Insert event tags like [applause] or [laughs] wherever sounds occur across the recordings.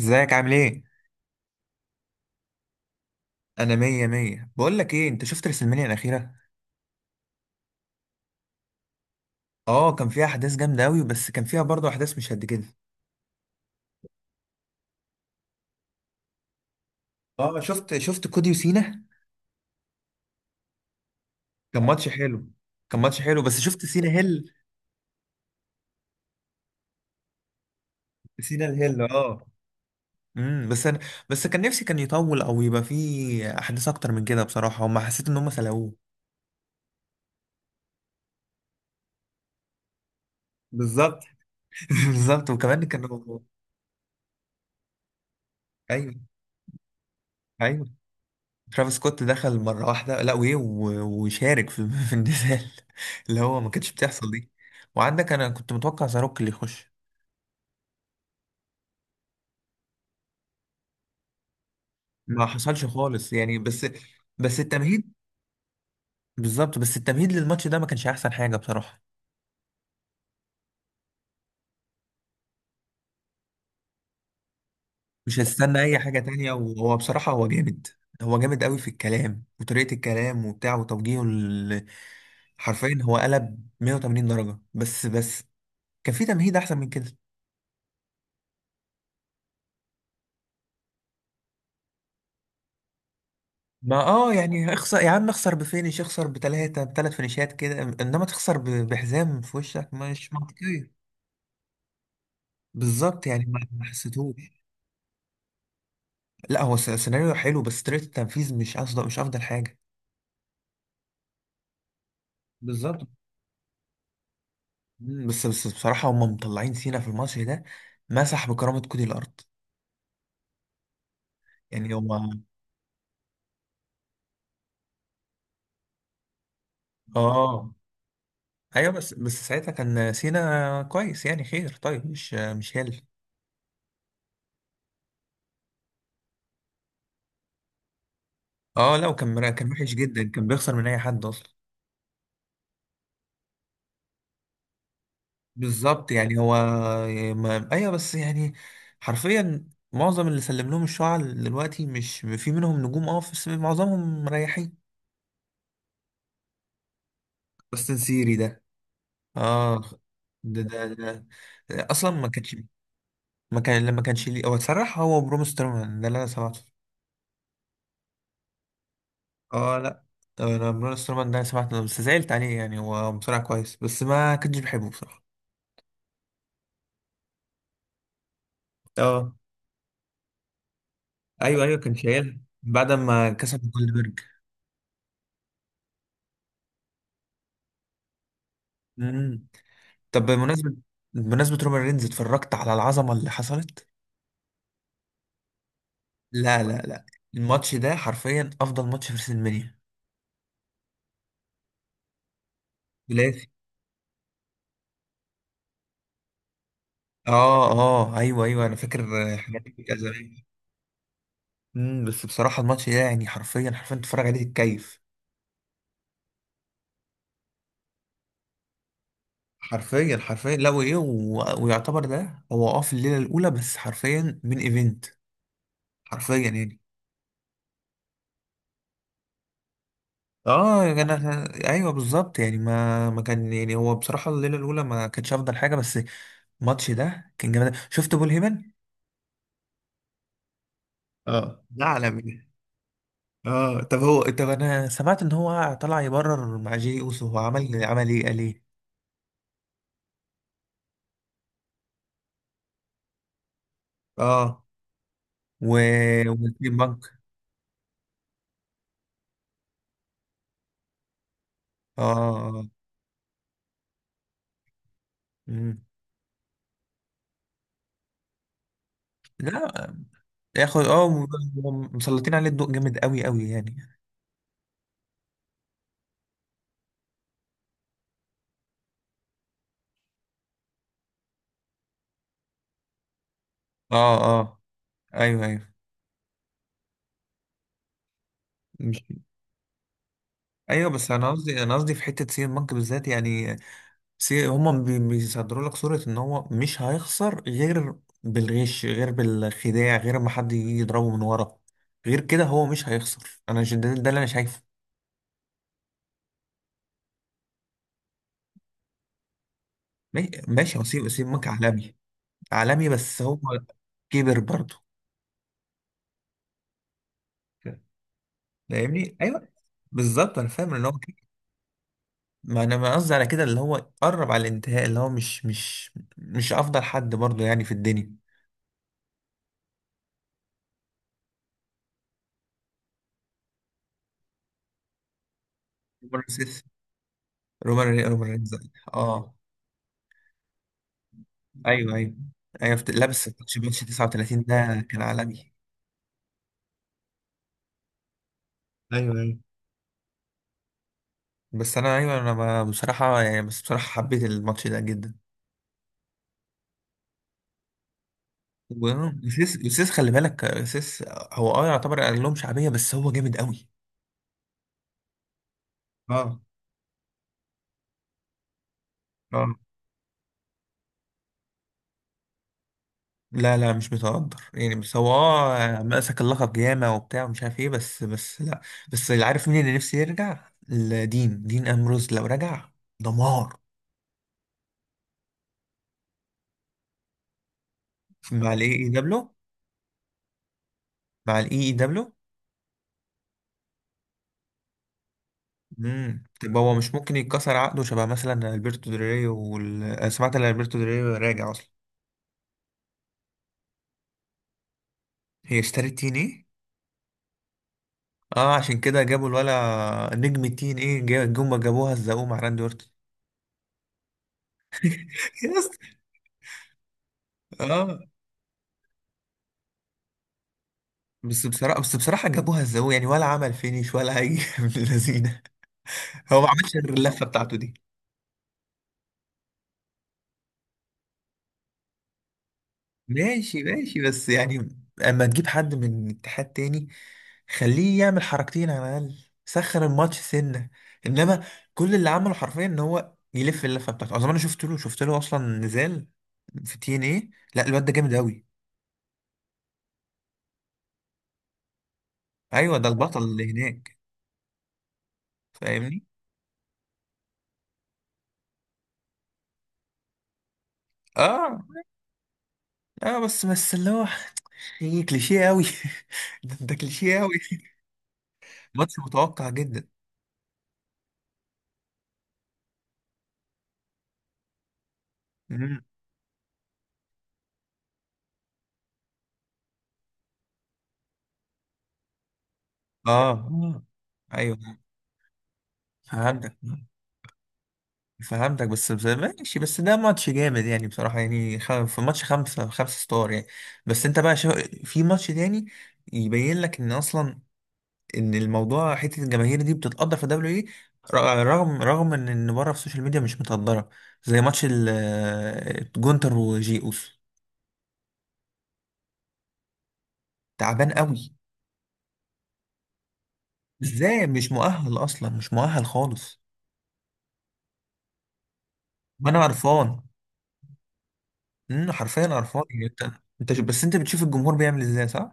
ازيك عامل ايه؟ انا مية مية. بقول لك ايه، انت شفت رسلمانيا الاخيرة؟ اه كان فيها احداث جامدة اوي، بس كان فيها برضه احداث مش قد كده. اه شفت كودي وسينا. كان ماتش حلو. كان ماتش حلو، بس شفت سينا هيل. سينا الهيل، اه. امم بس انا بس كان نفسي كان يطول او يبقى فيه احداث اكتر من كده بصراحة، وما حسيت ان هم سلقوه. بالظبط. [laughs] بالظبط، وكمان كانوا. ايوه، ايوه، ترافيس سكوت دخل مرة واحدة، لا وإيه وشارك في [laughs] في النزال اللي هو ما كانتش بتحصل دي. وعندك أنا كنت متوقع زاروك اللي يخش. ما حصلش خالص يعني، بس بس التمهيد. بالظبط، بس التمهيد للماتش ده ما كانش أحسن حاجة بصراحة. مش هستنى أي حاجة تانية، وهو بصراحة هو جامد. هو جامد قوي في الكلام وطريقة الكلام وبتاع وتوجيهه حرفيا هو قلب 180 درجة. بس كان في تمهيد أحسن من كده. ما اه يعني اخسر يا عم، اخسر بفينش، اخسر بتلاتة بتلات فينيشات كده، انما تخسر بحزام في وشك مش منطقية. بالظبط، يعني ما حسيتهوش. لا هو سيناريو حلو، بس طريقة التنفيذ مش افضل، مش افضل حاجة. بالظبط. مم، بس بصراحة هم مطلعين سينا في الماتش ده، مسح بكرامة كودي الأرض. يعني هم اه. ايوه، بس بس ساعتها كان سينا كويس يعني، خير طيب مش مش هل. اه لا، وكان كان وحش جدا، كان بيخسر من اي حد اصلا. بالظبط، يعني هو ما... ايوه بس يعني، حرفيا معظم اللي سلم لهم الشعب دلوقتي مش في منهم نجوم، اه بس معظمهم مريحين. بس نسيري ده، اه. ده اصلا ما كانش. ما كان لما كانش ليه هو اتسرح، هو بروم سترومان ده اللي انا سمعته. اه لا، انا بروم سترومان ده سمعته بس زعلت عليه يعني، هو بصراحة كويس بس ما كنتش بحبه بصراحة. اه. ايوه، ايوه، كان شايل بعد ما كسب جولدبرج. طب بمناسبة، بمناسبة رومان رينز، اتفرجت على العظمة اللي حصلت؟ لا لا لا، الماتش ده حرفيا افضل ماتش في ريسلمانيا، ثلاثي. اه اه ايوه، ايوه انا فاكر. آه، حاجات كتير زمان. امم، بس بصراحة الماتش ده يعني حرفيا حرفيا تتفرج عليه تتكيف. حرفيا حرفيا، لا وايه ويعتبر ده هو اه في الليلة الاولى، بس حرفيا من ايفنت، حرفيا يعني. اه يا جماعة. ايوه بالظبط، يعني ما كان يعني، هو بصراحة الليلة الاولى ما كانتش افضل حاجة، بس الماتش ده كان جامد. شفت بول هيمن؟ اه، ده عالمي. اه، طب هو، طب انا سمعت ان هو طلع يبرر مع جي اوسو. هو عمل عمل ايه، قال ايه؟ اه. و والتيم بنك. اه. آه. آه. مم. لا، ياخد اه مسلطين عليه الضوء جامد قوي قوي يعني. اه. اه ايوه، ايوه مش. ايوه بس انا قصدي، انا قصدي في حته سي بنك بالذات يعني. بس هما بيصدروا لك صورة ان هو مش هيخسر غير بالغش، غير بالخداع، غير ما حد يجي يضربه من ورا. غير كده هو مش هيخسر. انا ده، ده اللي انا شايفه. ماشي، وسيم وسيمك عالمي. عالمي، بس هو كبر برضه. فاهمني، ايوه. بالظبط، انا فاهم ان هو كده. ما انا ما قصدي على كده، اللي هو قرب على الانتهاء، اللي هو مش مش افضل حد برضه يعني في الدنيا. رومان ريز- رومان ري- رومان رينز. اه ايوه ايوه. ايوه لا، بس ماتش بيراميدز 39 ده كان عالمي. ايوه ايوه. بس انا ايوه، انا بصراحه يعني، بس بصراحه حبيت الماتش ده جدا. وسيس، خلي بالك سيس، هو اه يعتبر اقل لهم شعبيه بس هو جامد قوي. اه. اه لا لا، مش متقدر يعني، بس هو اه مسك اللقب ياما وبتاع ومش عارف ايه، بس بس لا. بس اللي عارف مين اللي نفسي يرجع، دين دين امروز لو رجع دمار. مع الاي اي دبليو. مع الاي اي. امم، طب هو مش ممكن يتكسر عقده، شبه مثلا البرتو دريو وال... أنا سمعت ان البرتو دريو راجع اصلا. هي اشترت تين ايه. اه عشان كده جابوا الولا نجم التين ايه جم جابوها الزقوم مع راندي اورتون. يس. [laughs] اه. بس بصراحه، بس بصراحه جابوها الزقوم يعني، ولا عمل فينيش ولا اي [laughs] من اللذينه. هو ما عملش غير اللفه بتاعته دي. ماشي ماشي، بس يعني اما تجيب حد من اتحاد تاني خليه يعمل حركتين على الاقل، سخن الماتش سنه. انما كل اللي عمله حرفيا ان هو يلف اللفه بتاعته. اظن انا شفت له، شفت له اصلا نزال في تي ان ايه. لا، الواد ده جامد قوي. ايوه ده البطل اللي هناك. فاهمني. اه اه، بس بس اللي هو ايه، كليشيه قوي. [laughs] ده ده كليشيه قوي، ماتش متوقع جدا. مم. اه. آه. ايوه. فهمتك، فهمتك، بس بس ماشي، بس ده ماتش جامد يعني بصراحة يعني، في ماتش خمسة خمسة ستار يعني. بس انت بقى شو، في ماتش تاني يبين لك ان اصلا، ان الموضوع حتة الجماهير دي بتتقدر في دبليو ايه، رغم ان بره في السوشيال ميديا مش متقدرة، زي ماتش جونتر وجيوس. تعبان قوي. ازاي، مش مؤهل اصلا، مش مؤهل خالص. وانا قرفان. حرفيا قرفان يعني. انت، انت بس انت بتشوف الجمهور بيعمل ازاي صح؟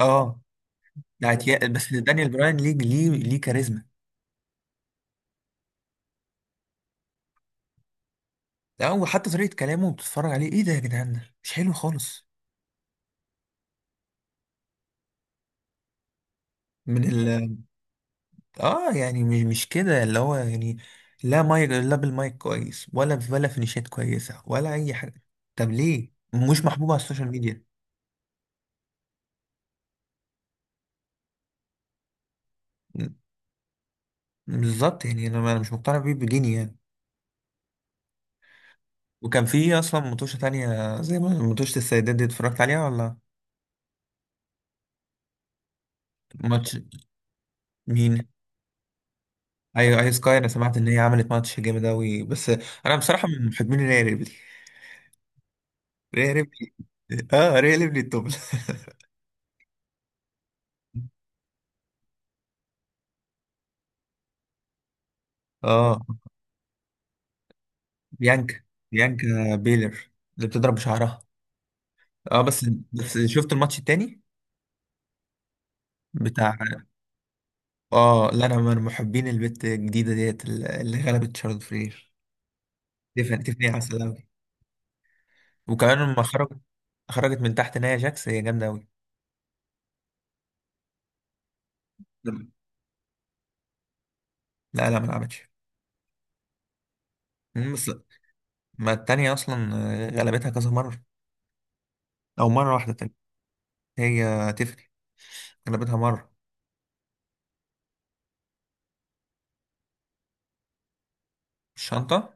اه ده اعتياق، بس دانيال براين ليه كاريزما. ده، وحتى طريقة كلامه بتتفرج عليه ايه ده يا جدعان، ده مش حلو خالص. من ال، اه يعني مش مش كده اللي هو يعني. لا مايك، لا بالمايك كويس، ولا ولا فينيشات كويسة، ولا أي حاجة. طب ليه؟ مش محبوب على السوشيال ميديا. م- بالظبط يعني، أنا أنا مش مقتنع بيه بجنيه يعني. وكان في أصلا متوشة تانية زي ما متوشة السيدات، دي اتفرجت عليها ولا؟ ماتش مين؟ أيوة أيوة سكاي، أنا سمعت إن هي عملت ماتش جامد أوي، بس أنا بصراحة من محبين الريال، ريح ريبلي. اه ريح ريبلي الطبل. [laughs] اه. بيانكا، بيانكا بيلر، اللي بتضرب بشعرها. اه بس. بس شفت الماتش التاني بتاع، اه لا انا من محبين البت الجديده ديت اللي غلبت شارلوت فلير. تفني، تفني عسل اوي. وكمان لما خرجت، خرجت من تحت نايا جاكس، هي جامده اوي. لا لا ما لعبتش. مم، بس ما التانية أصلا آه، غلبتها كذا مرة، أو مرة واحدة تانية. هي تفني غلبتها مرة. الشنطة.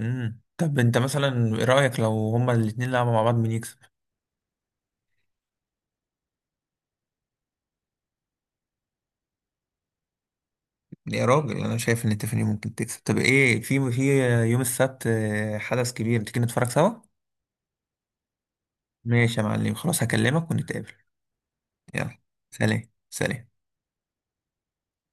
امم، طب انت مثلا ايه رأيك لو هما الاتنين لعبوا مع بعض، مين يكسب؟ يا راجل، انا شايف ان تيفاني ممكن تكسب. طب ايه، في في يوم السبت آه، حدث كبير، تيجي نتفرج سوا؟ ماشي يا معلم، خلاص هكلمك ونتقابل. يلا، سلام سلام.